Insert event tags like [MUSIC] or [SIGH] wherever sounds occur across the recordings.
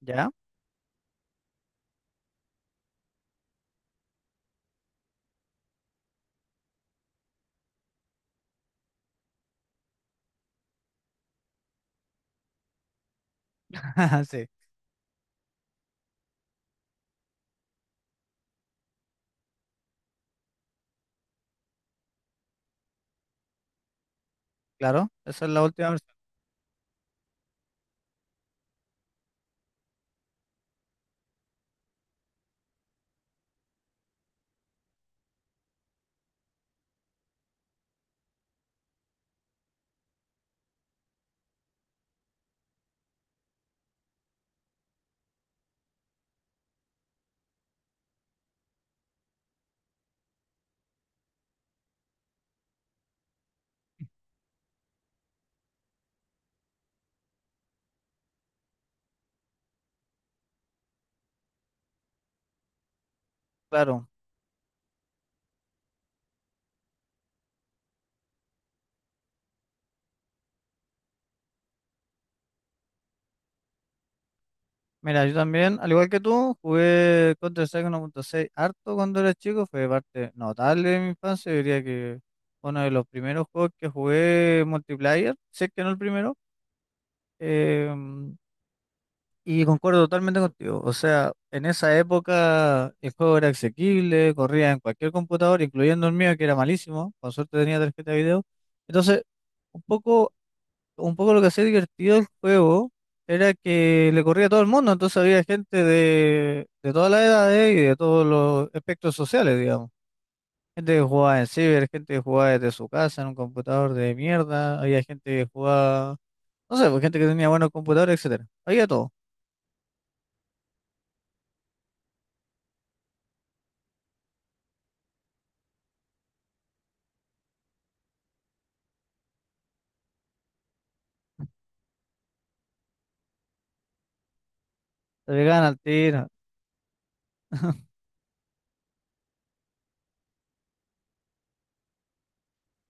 ¿Ya? [LAUGHS] Sí, claro. Esa es la última versión, claro. Mira, yo también, al igual que tú, jugué Counter-Strike 1.6 harto cuando era chico. Fue parte notable de mi infancia. Yo diría que uno de los primeros juegos que jugué multiplayer, sé que no el primero. em, y concuerdo totalmente contigo. O sea, en esa época el juego era asequible, corría en cualquier computador, incluyendo el mío, que era malísimo. Con suerte tenía tarjeta de video. Entonces, un poco un poco lo que hacía divertido el juego era que le corría a todo el mundo, entonces había gente de todas las edades y de todos los espectros sociales, digamos. Gente que jugaba en ciber, gente que jugaba desde su casa en un computador de mierda, había gente que jugaba, no sé, pues gente que tenía buenos computadores, etcétera. Había todo. Se pegaban al tiro.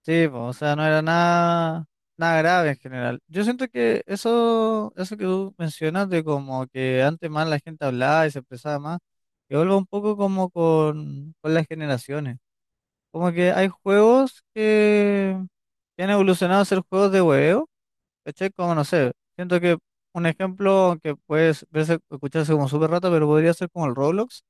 Sí, po, o sea, no era nada, nada grave en general. Yo siento que eso que tú mencionas de como que antes más la gente hablaba y se expresaba más, que vuelve un poco como con las generaciones. Como que hay juegos que han evolucionado a ser juegos de hueveo, ¿cachai? Como no sé, siento que un ejemplo que puede verse, escucharse como súper rata, pero podría ser como el Roblox.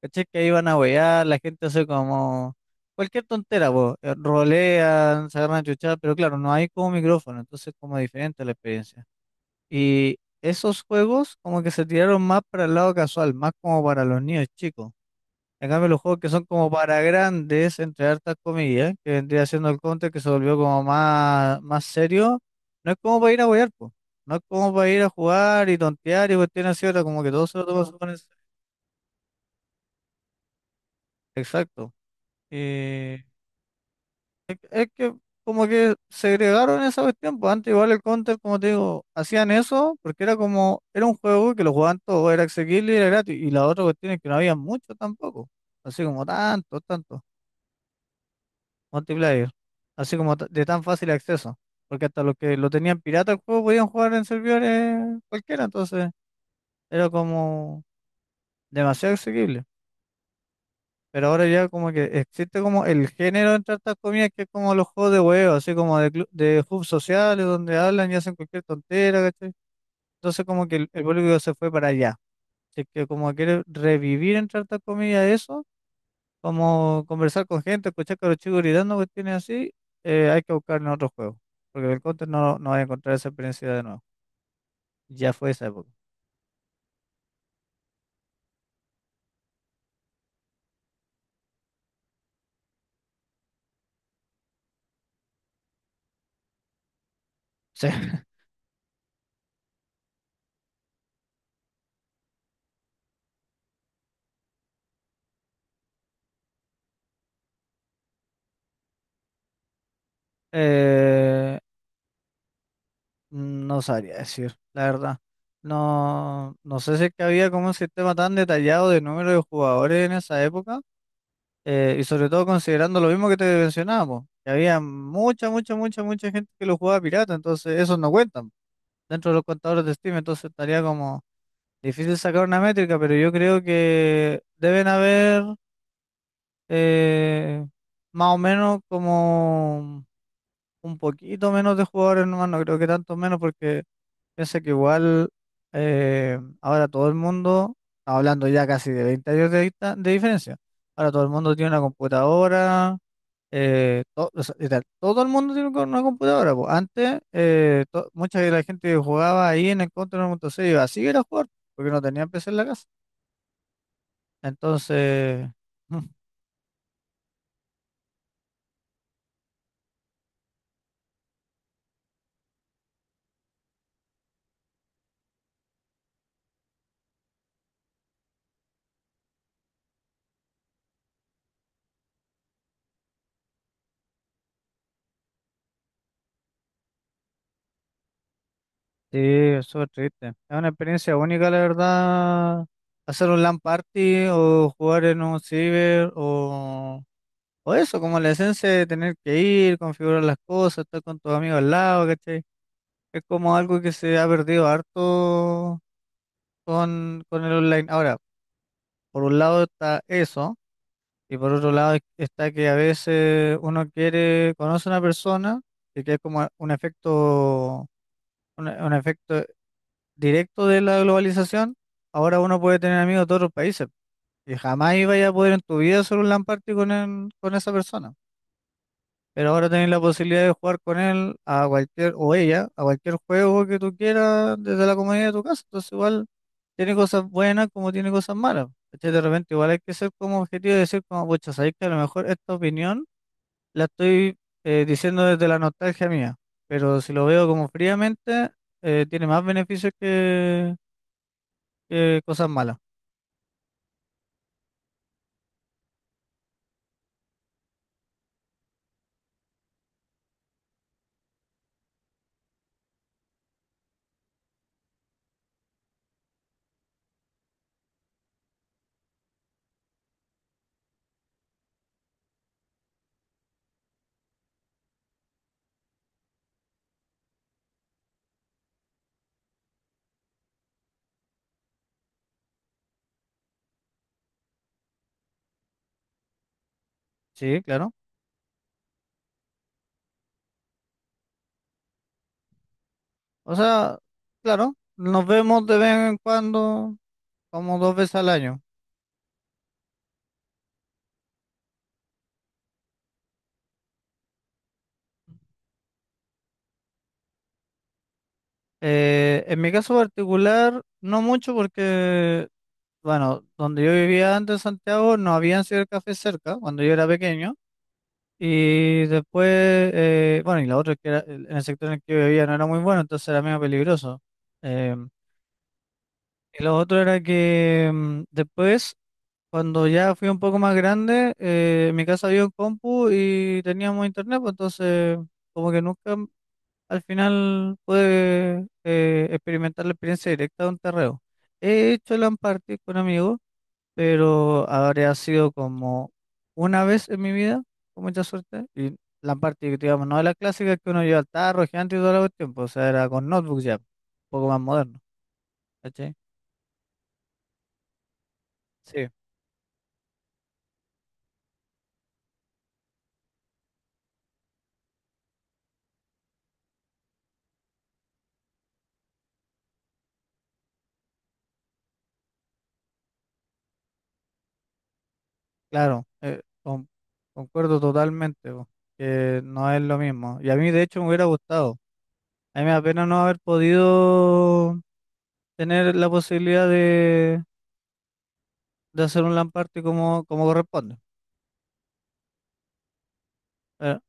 ¿Cachai? Que ahí van a huear, la gente hace como cualquier tontera, po, rolean, se agarran a chuchar, pero claro, no hay como micrófono, entonces como diferente la experiencia. Y esos juegos como que se tiraron más para el lado casual, más como para los niños chicos. En cambio, los juegos que son como para grandes, entre hartas comillas, que vendría siendo el Counter, que se volvió como más, más serio, no es como para ir a huear, po. No es como para ir a jugar y tontear y cuestiones así, ahora como que todo se lo toma súper en serio. Exacto. Eh, es que como que segregaron esa cuestión, pues antes igual el Counter, como te digo, hacían eso porque era como, era un juego que lo jugaban todos, era accesible y era gratis, y la otra cuestión es que no había mucho tampoco, así como tanto, tanto, multiplayer, así como ta- de tan fácil acceso, porque hasta los que lo tenían pirata el juego podían jugar en servidores cualquiera, entonces era como demasiado accesible. Pero ahora ya como que existe como el género entre estas comidas que es como los juegos de huevo, así como de, clu- de hubs sociales donde hablan y hacen cualquier tontera, ¿cachai? Entonces como que el público se fue para allá. Así que como quiere revivir entre estas comidas eso, como conversar con gente, escuchar que los chicos gritando cuestiones así, hay que buscar en otro juego. Porque en el counter no, no va a encontrar esa experiencia de nuevo. Ya fue esa época. [LAUGHS] Sí. No sabría decir, la verdad. No, no sé si es que había como un sistema tan detallado de número de jugadores en esa época, y sobre todo considerando lo mismo que te mencionábamos, que había mucha, mucha, mucha, mucha gente que lo jugaba pirata, entonces esos no cuentan dentro de los contadores de Steam, entonces estaría como difícil sacar una métrica, pero yo creo que deben haber eh, más o menos como un poquito menos de jugadores nomás, no creo que tanto menos porque piensa que igual ahora todo el mundo, hablando ya casi de 20 años de, dista- de diferencia, ahora todo el mundo tiene una computadora, to- o sea, literal, todo el mundo tiene co- una computadora, po. Antes, to- mucha de la gente que jugaba ahí en el Counter 1.6 iba así era a jugar, porque no tenían PC en la casa. Entonces, [LAUGHS] sí, es súper triste. Es una experiencia única, la verdad, hacer un LAN party o jugar en un ciber o... O eso, como la esencia de tener que ir, configurar las cosas, estar con tus amigos al lado, ¿cachai? Es como algo que se ha perdido harto con el online. Ahora, por un lado está eso, y por otro lado es- está que a veces uno quiere, conoce a una persona, y que es como un efecto, un efecto directo de la globalización. Ahora uno puede tener amigos de otros países, y jamás iba a poder en tu vida hacer un LAN party con, el- con esa persona. Pero ahora tenés la posibilidad de jugar con él a cualquier, o ella, a cualquier juego que tú quieras desde la comodidad de tu casa. Entonces igual tiene cosas buenas como tiene cosas malas. ¿Cachai? De repente igual hay que ser como objetivo y decir como, pucha, sabéis que a lo mejor esta opinión la estoy diciendo desde la nostalgia mía. Pero si lo veo como fríamente, tiene más beneficios que cosas malas. Sí, claro. O sea, claro, nos vemos de vez en cuando, como dos veces al año. En mi caso particular, no mucho porque, bueno, donde yo vivía antes en Santiago no habían cibercafés cerca cuando yo era pequeño. Y después, bueno, y la otra es que era- en el sector en el que yo vivía no era muy bueno, entonces era medio peligroso. Eh, y lo otro era que después, cuando ya fui un poco más grande, en mi casa había un compu y teníamos internet, pues entonces como que nunca al final pude experimentar la experiencia directa de un terreo. He hecho LAN party con amigos, pero habría sido como una vez en mi vida, con mucha suerte. Y LAN party, digamos, no de las clásicas que uno lleva al tarro, gigante y todo el tiempo o sea, era con notebook ya, un poco más moderno, ¿cachai? Sí, claro, con- concuerdo totalmente, po, que no es lo mismo. Y a mí, de hecho, me hubiera gustado. A mí me da pena no haber podido tener la posibilidad de hacer un lamparte como, como corresponde. ¿Verdad?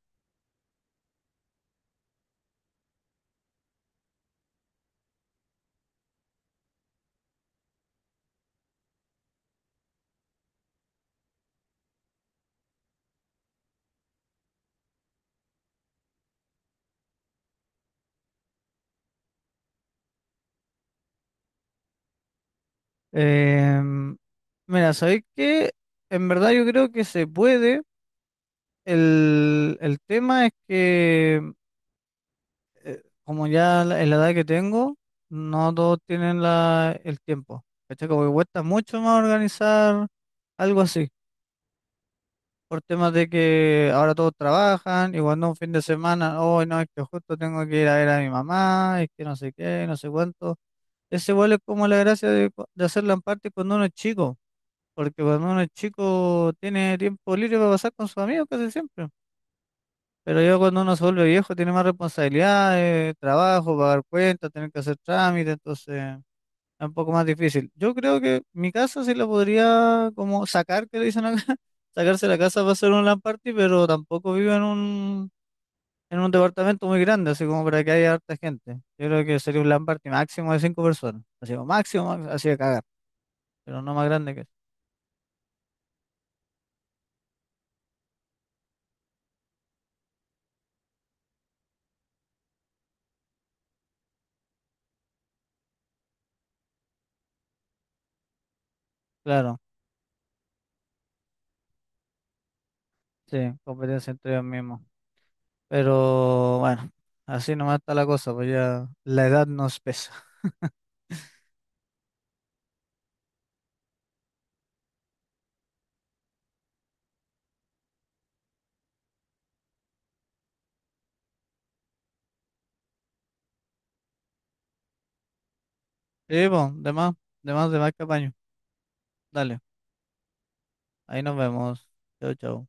Em, mira, ¿sabéis qué? En verdad yo creo que se puede. El tema es que, como ya la- en la edad que tengo, no todos tienen la, el tiempo. ¿Cachai? Como que cuesta mucho más organizar algo así. Por temas de que ahora todos trabajan y cuando un fin de semana, hoy no, es que justo tengo que ir a ver a mi mamá, es que no sé qué, no sé cuánto. Ese igual es como la gracia de, cu- de hacerla en parte cuando uno es chico, porque cuando uno es chico tiene tiempo libre para pasar con sus amigos casi siempre. Pero ya cuando uno se vuelve viejo tiene más responsabilidades, trabajo, pagar cuentas, tener que hacer trámites, entonces es un poco más difícil. Yo creo que mi casa sí la podría como sacar, que le dicen acá, [LAUGHS] sacarse la casa para hacer un LAN party, pero tampoco vivo en un departamento muy grande, así como para que haya harta gente. Yo creo que sería un LAN party máximo de 5 personas, así como máximo, máximo, así de cagar. Pero no más grande que... Claro, sí, competencia entre ellos mismos. Pero bueno, así nomás está la cosa, pues ya la edad nos pesa. [LAUGHS] Sí, pues, de más, de más, de más que apaño. Dale, ahí nos vemos. Chau, chau.